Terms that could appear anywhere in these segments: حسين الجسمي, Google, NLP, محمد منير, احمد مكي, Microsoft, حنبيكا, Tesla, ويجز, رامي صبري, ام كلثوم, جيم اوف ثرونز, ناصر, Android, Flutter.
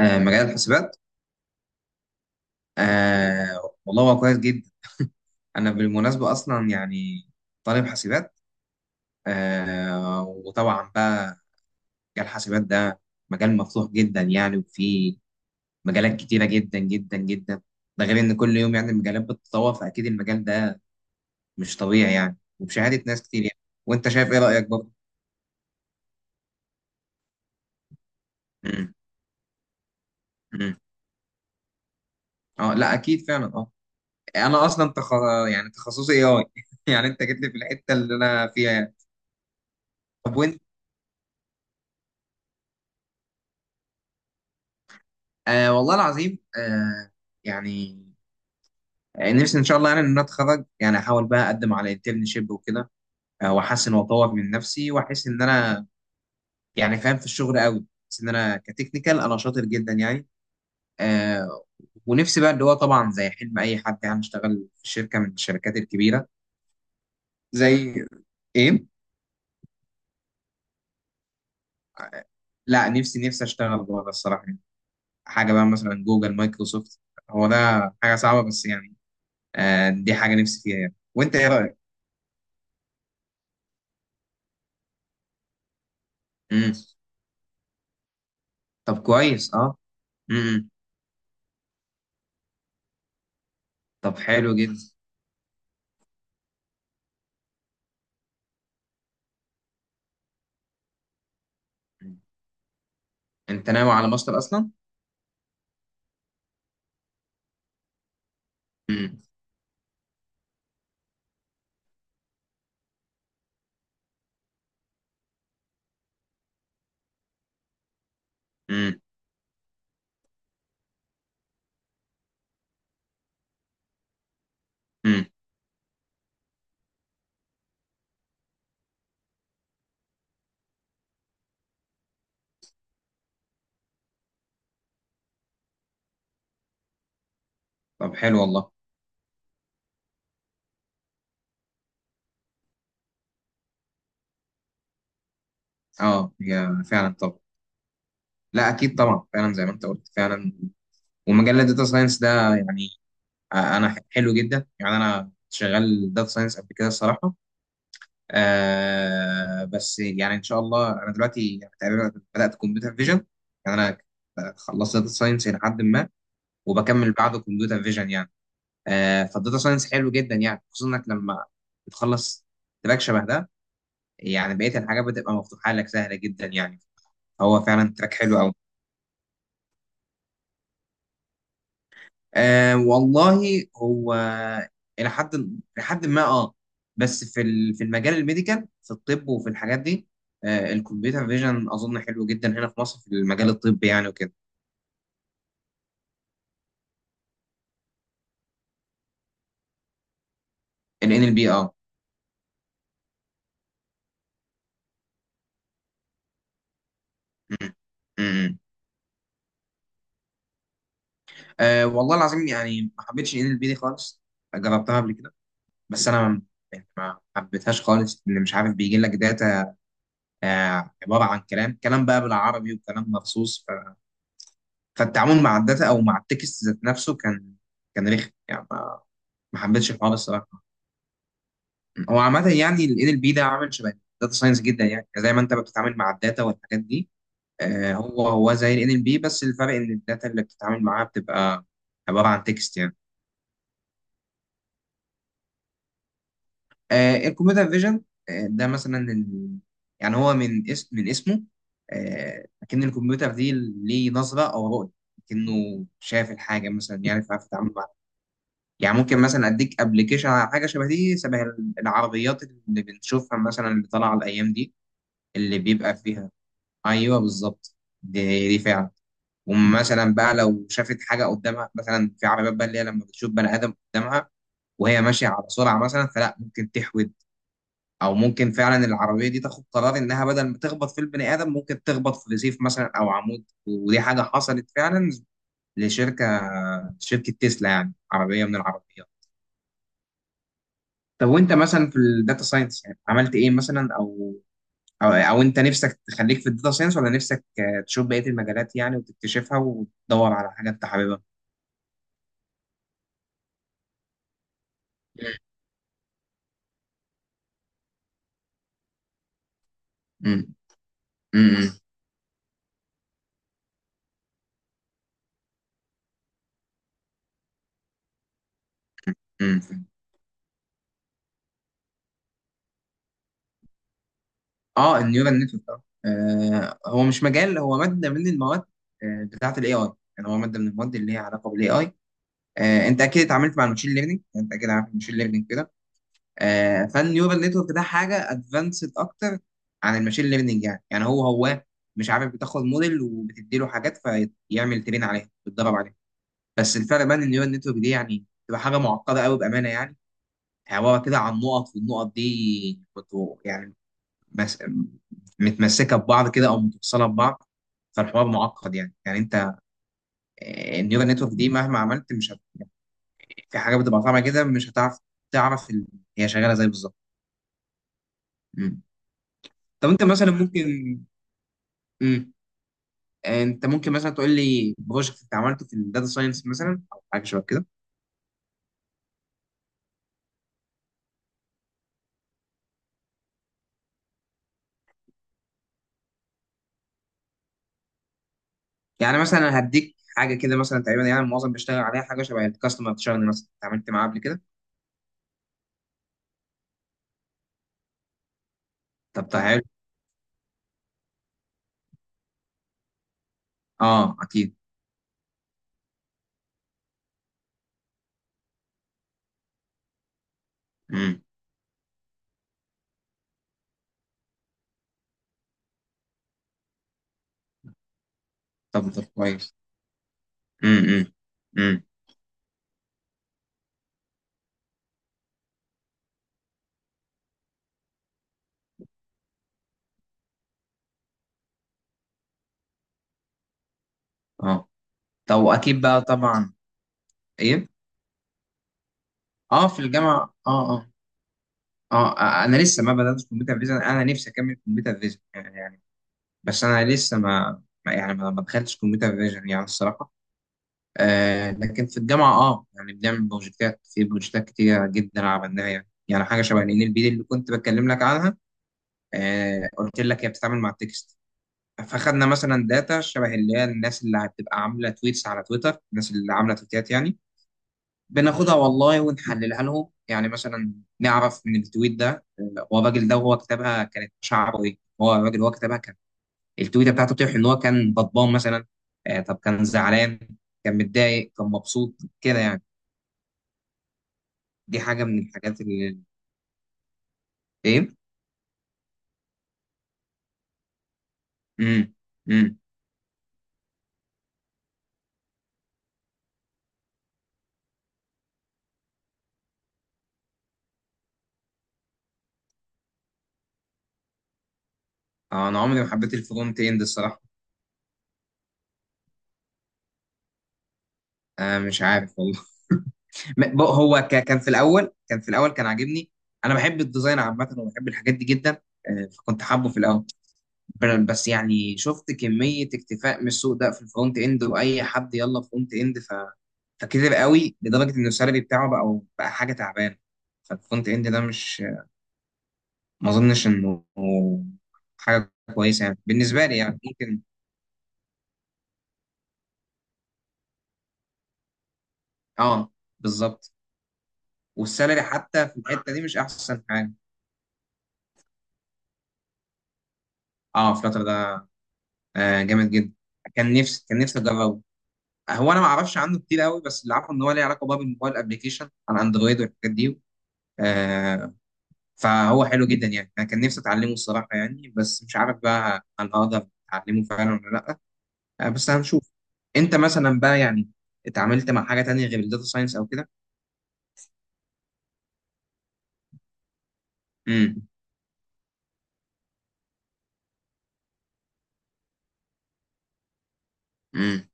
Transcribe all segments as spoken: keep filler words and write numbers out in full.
آه، مجال الحاسبات. آه، والله هو كويس جدا. انا بالمناسبه اصلا يعني طالب حاسبات. آه، وطبعا بقى مجال الحاسبات ده مجال مفتوح جدا يعني، وفيه مجالات كتيره جدا جدا جدا. ده غير ان كل يوم يعني المجالات بتتطور، فاكيد المجال ده مش طبيعي يعني، وبشهاده ناس كتير يعني. وانت شايف ايه رايك برضه؟ مم، مم. اه لا اكيد فعلا. اه، انا اصلا تخ... يعني تخصصي اي اي. يعني انت جيت لي في الحته اللي انا فيها يعني. طب وانت؟ آه والله العظيم. آه يعني آه، نفسي ان شاء الله يعني ان انا اتخرج، يعني احاول بقى اقدم على انترنشيب وكده. آه واحسن واطور من نفسي، واحس ان انا يعني فاهم في الشغل قوي، بس ان انا كتكنيكال انا شاطر جدا يعني. آه ونفسي بقى، اللي هو طبعا زي حلم اي حد، يعني اشتغل في شركه من الشركات الكبيره. زي ايه؟ لا، نفسي نفسي اشتغل بره الصراحه يعني. حاجه بقى مثلا جوجل، مايكروسوفت. هو ده. حاجه صعبه بس يعني. آه دي حاجه نفسي فيها يعني. وانت ايه رايك؟ امم. طب كويس. اه. امم. طب حلو جدا. انت ناوي على ماستر اصلا؟ امم. امم. امم. طب حلو والله. اه هي فعلا. طب، لا اكيد طبعا فعلا زي ما انت قلت فعلا. ومجال الداتا ساينس ده يعني آه، انا ح- حلو جدا يعني. انا شغال داتا ساينس قبل كده الصراحه. آه بس يعني ان شاء الله، انا دلوقتي يعني تقريبا بدات كمبيوتر فيجن. يعني انا خلصت داتا ساينس الى حد ما، وبكمل بعده كمبيوتر فيجن يعني. آه، فالداتا ساينس حلو جدا يعني، خصوصا انك لما بتخلص تراك شبه ده، يعني بقيه الحاجات بتبقى مفتوحه لك، سهله جدا يعني. هو فعلا تراك حلو قوي. آه والله هو الى حد، الى حد ما اه. بس في ال- في المجال الميديكال، في الطب وفي الحاجات دي، آه الكمبيوتر فيجن اظن حلو جدا هنا في مصر في المجال الطبي يعني وكده. ال ان ال بي، اه. م- م- م. آه، والله العظيم يعني ما حبيتش ال ان ال بي دي خالص. جربتها قبل كده، بس انا ما ما حبيتهاش خالص، اللي مش عارف بيجي لك داتا آه، عباره عن كلام كلام بقى بالعربي وكلام مخصوص ف... فالتعامل مع الداتا او مع التكست ذات نفسه كان، كان رخم يعني ما, ما حبيتش الحوار الصراحه. هو عامه يعني ال إن إل بي ده عامل شبه الداتا ساينس جدا يعني، يعني زي ما انت بتتعامل مع الداتا والحاجات دي. آه، هو هو زي ال إن إل بي، بس الفرق ان الداتا اللي بتتعامل معاها بتبقى عباره عن تكست يعني. آه، الكمبيوتر فيجن، آه، ده مثلا ال... يعني هو من اسم، من اسمه. آه، لكن الكمبيوتر دي ليه نظرة أو رؤية، لكنه شاف الحاجة مثلا، يعرف عارف يتعامل معاها. يعني ممكن مثلا أديك أبلكيشن على حاجة شبه دي، شبه ال- العربيات اللي بنشوفها مثلا اللي طالعة الأيام دي، اللي بيبقى فيها، أيوه بالظبط. دي دي فعلا. ومثلا بقى لو شافت حاجة قدامها، مثلا في عربيات بقى، اللي هي لما بتشوف بني آدم قدامها وهي ماشية على سرعة مثلا، فلا ممكن تحود، او ممكن فعلا العربيه دي تاخد قرار انها بدل ما تخبط في البني ادم، ممكن تخبط في رصيف مثلا او عمود. ودي حاجه حصلت فعلا لشركه شركه تسلا، يعني عربيه من العربيات. طب وانت مثلا في الداتا ساينس يعني عملت ايه مثلا، او او, أو انت نفسك تخليك في الداتا ساينس، ولا نفسك آه، تشوف بقيه المجالات يعني وتكتشفها وتدور على حاجه انت حاببها؟ امم. امم. اه، النيورال نتورك. اه، آه، هو مش مجال، هو ماده من المواد، آه، بتاعه الاي اي. يعني هو ماده من المواد اللي هي علاقه بالاي اي. انت اكيد اتعاملت مع المشين ليرنينج، انت اكيد عارف المشين ليرنينج كده. آه، فالنيورال نتورك ده حاجه ادفانسد اكتر عن المشين ليرنينج، يعني يعني هو هو مش عارف، بتاخد موديل وبتدي له حاجات، فيعمل ترين عليها، بتدرب عليها. بس الفرق بين النيورال نتورك دي، يعني تبقى حاجه معقده قوي بامانه يعني. عباره كده عن نقط، والنقط دي كنت يعني مس... متمسكه ببعض كده، او متوصله ببعض. فالحوار معقد يعني، يعني انت النيورال نتورك دي مهما عملت، مش هت... في حاجه بتبقى طالعه كده مش هتعرف تعرف ال... هي شغاله زي بالظبط. مم. طب انت مثلا ممكن، مم. آه، انت ممكن مثلا تقول لي بروجكت انت عملته في الداتا ساينس مثلا او حاجه شبه كده. يعني مثلا هديك حاجه كده مثلا تقريبا، يعني معظم بيشتغل عليها حاجه شبه الكاستمر، شغل مثلا انت عملت معاه قبل كده. طب تعال. اه اكيد. مم. طب طب كويس. امم. امم، اه. طب واكيد بقى طبعا. ايه. اه، في الجامعه، اه اه. اه، انا لسه ما بداتش كمبيوتر فيجن، انا نفسي اكمل كمبيوتر فيجن يعني يعني. بس انا لسه ما ما- يعني ما ما دخلتش كمبيوتر فيجن يعني الصراحه. آه لكن في الجامعه اه يعني بنعمل بروجكتات، في بروجكتات كتيره جدا عملناها يعني، يعني حاجه شبه ان ال بي اللي كنت بتكلم لك عنها. آه قلت لك هي بتتعامل مع التكست. فاخدنا مثلا داتا شبه اللي هي الناس اللي بتبقى عامله تويتس على تويتر، الناس اللي عامله تويتات يعني، بناخدها والله ونحللها لهم يعني. مثلا نعرف من التويت ده آه، هو الراجل ده هو كتبها كانت شعره ايه هو الراجل هو كتبها، كان التويته بتاعته بتوضح ان هو كان غضبان مثلا، آه، طب كان زعلان، كان متضايق، كان مبسوط، كده يعني. دي حاجه من الحاجات اللي، ايه. امم. امم. آه، انا عمري ما حبيت الفرونت اند الصراحه. آه مش عارف والله. م- بق- هو ك- كان في الاول كان في الاول كان عاجبني. انا بحب الديزاين عامه، وبحب الحاجات دي جدا. آه، فكنت حابه في الاول، ب- بس يعني شفت كمية اكتفاء من السوق ده في الفرونت اند، واي حد يلا فرونت اند، ف... فكتر قوي لدرجة ان السالري بتاعه بقى بقى حاجة تعبانة. فالفرونت اند ده مش، ما اظنش انه حاجة كويسة يعني بالنسبة لي يعني ممكن. اه بالظبط. والسالري حتى في الحتة دي مش احسن حاجة. اه، فلاتر ده آه جامد جدا. كان نفسي كان نفسي اجربه. هو انا ما اعرفش عنه كتير قوي، بس اللي عارفه ان هو ليه علاقة بقى بالموبايل ابلكيشن على اندرويد والحاجات دي. آه، فهو حلو جدا يعني، انا كان نفسي اتعلمه الصراحه يعني، بس مش عارف بقى هل هقدر اتعلمه فعلا ولا لا. آه، بس هنشوف. انت مثلا بقى يعني اتعاملت مع حاجه تانية غير الداتا ساينس او كده؟ امم. امم.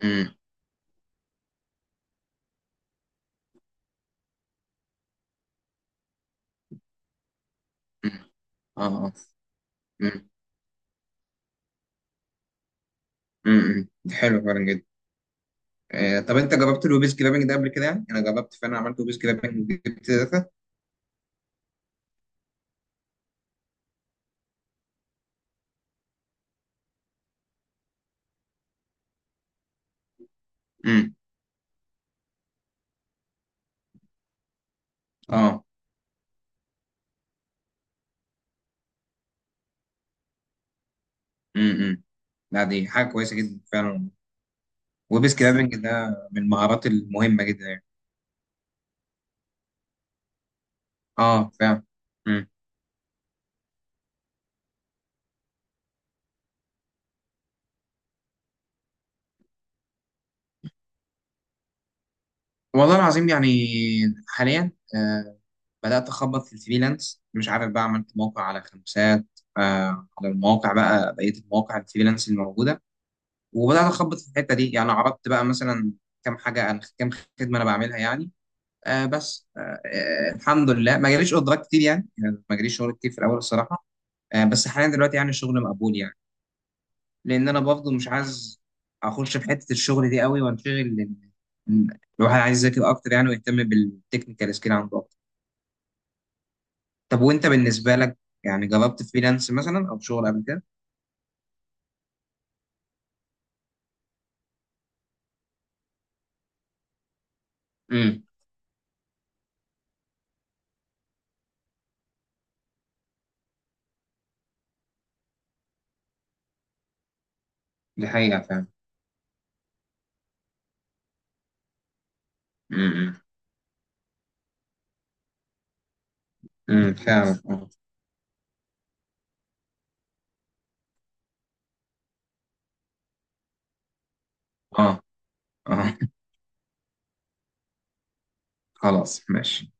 امم. أمم. اه اه. امم. امم، ده حلو فعلا جدا. آه، طب انت جربت الويب سكرابنج ده قبل كده؟ يعني انا جربت فعلا، عملت ويب سكرابنج، جبت داتا. امم. اه. امم. أمم. لا، دي حاجه كويسه جدا فعلا. ويب سكرابنج ده من المهارات المهمه جدا يعني. اه فعلا. والله العظيم يعني حاليا، آه بدأت أخبط في الفريلانس. مش عارف بقى، عملت موقع على خمسات، آه على المواقع بقى، بقية المواقع الفريلانس الموجودة، وبدأت أخبط في الحتة دي. يعني عرضت بقى مثلا كام حاجة، عن كام خدمة أنا بعملها يعني. آه بس آه آه، الحمد لله ما جاليش أوردرات كتير يعني، يعني ما جاليش شغل كتير في الأول الصراحة. آه بس حاليا دلوقتي يعني الشغل مقبول يعني. لان انا برضه مش عايز اخش في حته الشغل دي قوي وانشغل، لان إن الواحد عايز يذاكر اكتر يعني، ويهتم بالتكنيكال سكيل عنده اكتر. طب وانت بالنسبه لك يعني، جربت فريلانس مثلا او شغل قبل كده؟ امم. دي حقيقه فعلا. امم. امم، فعلا اه. اه، آه. خلاص ماشي.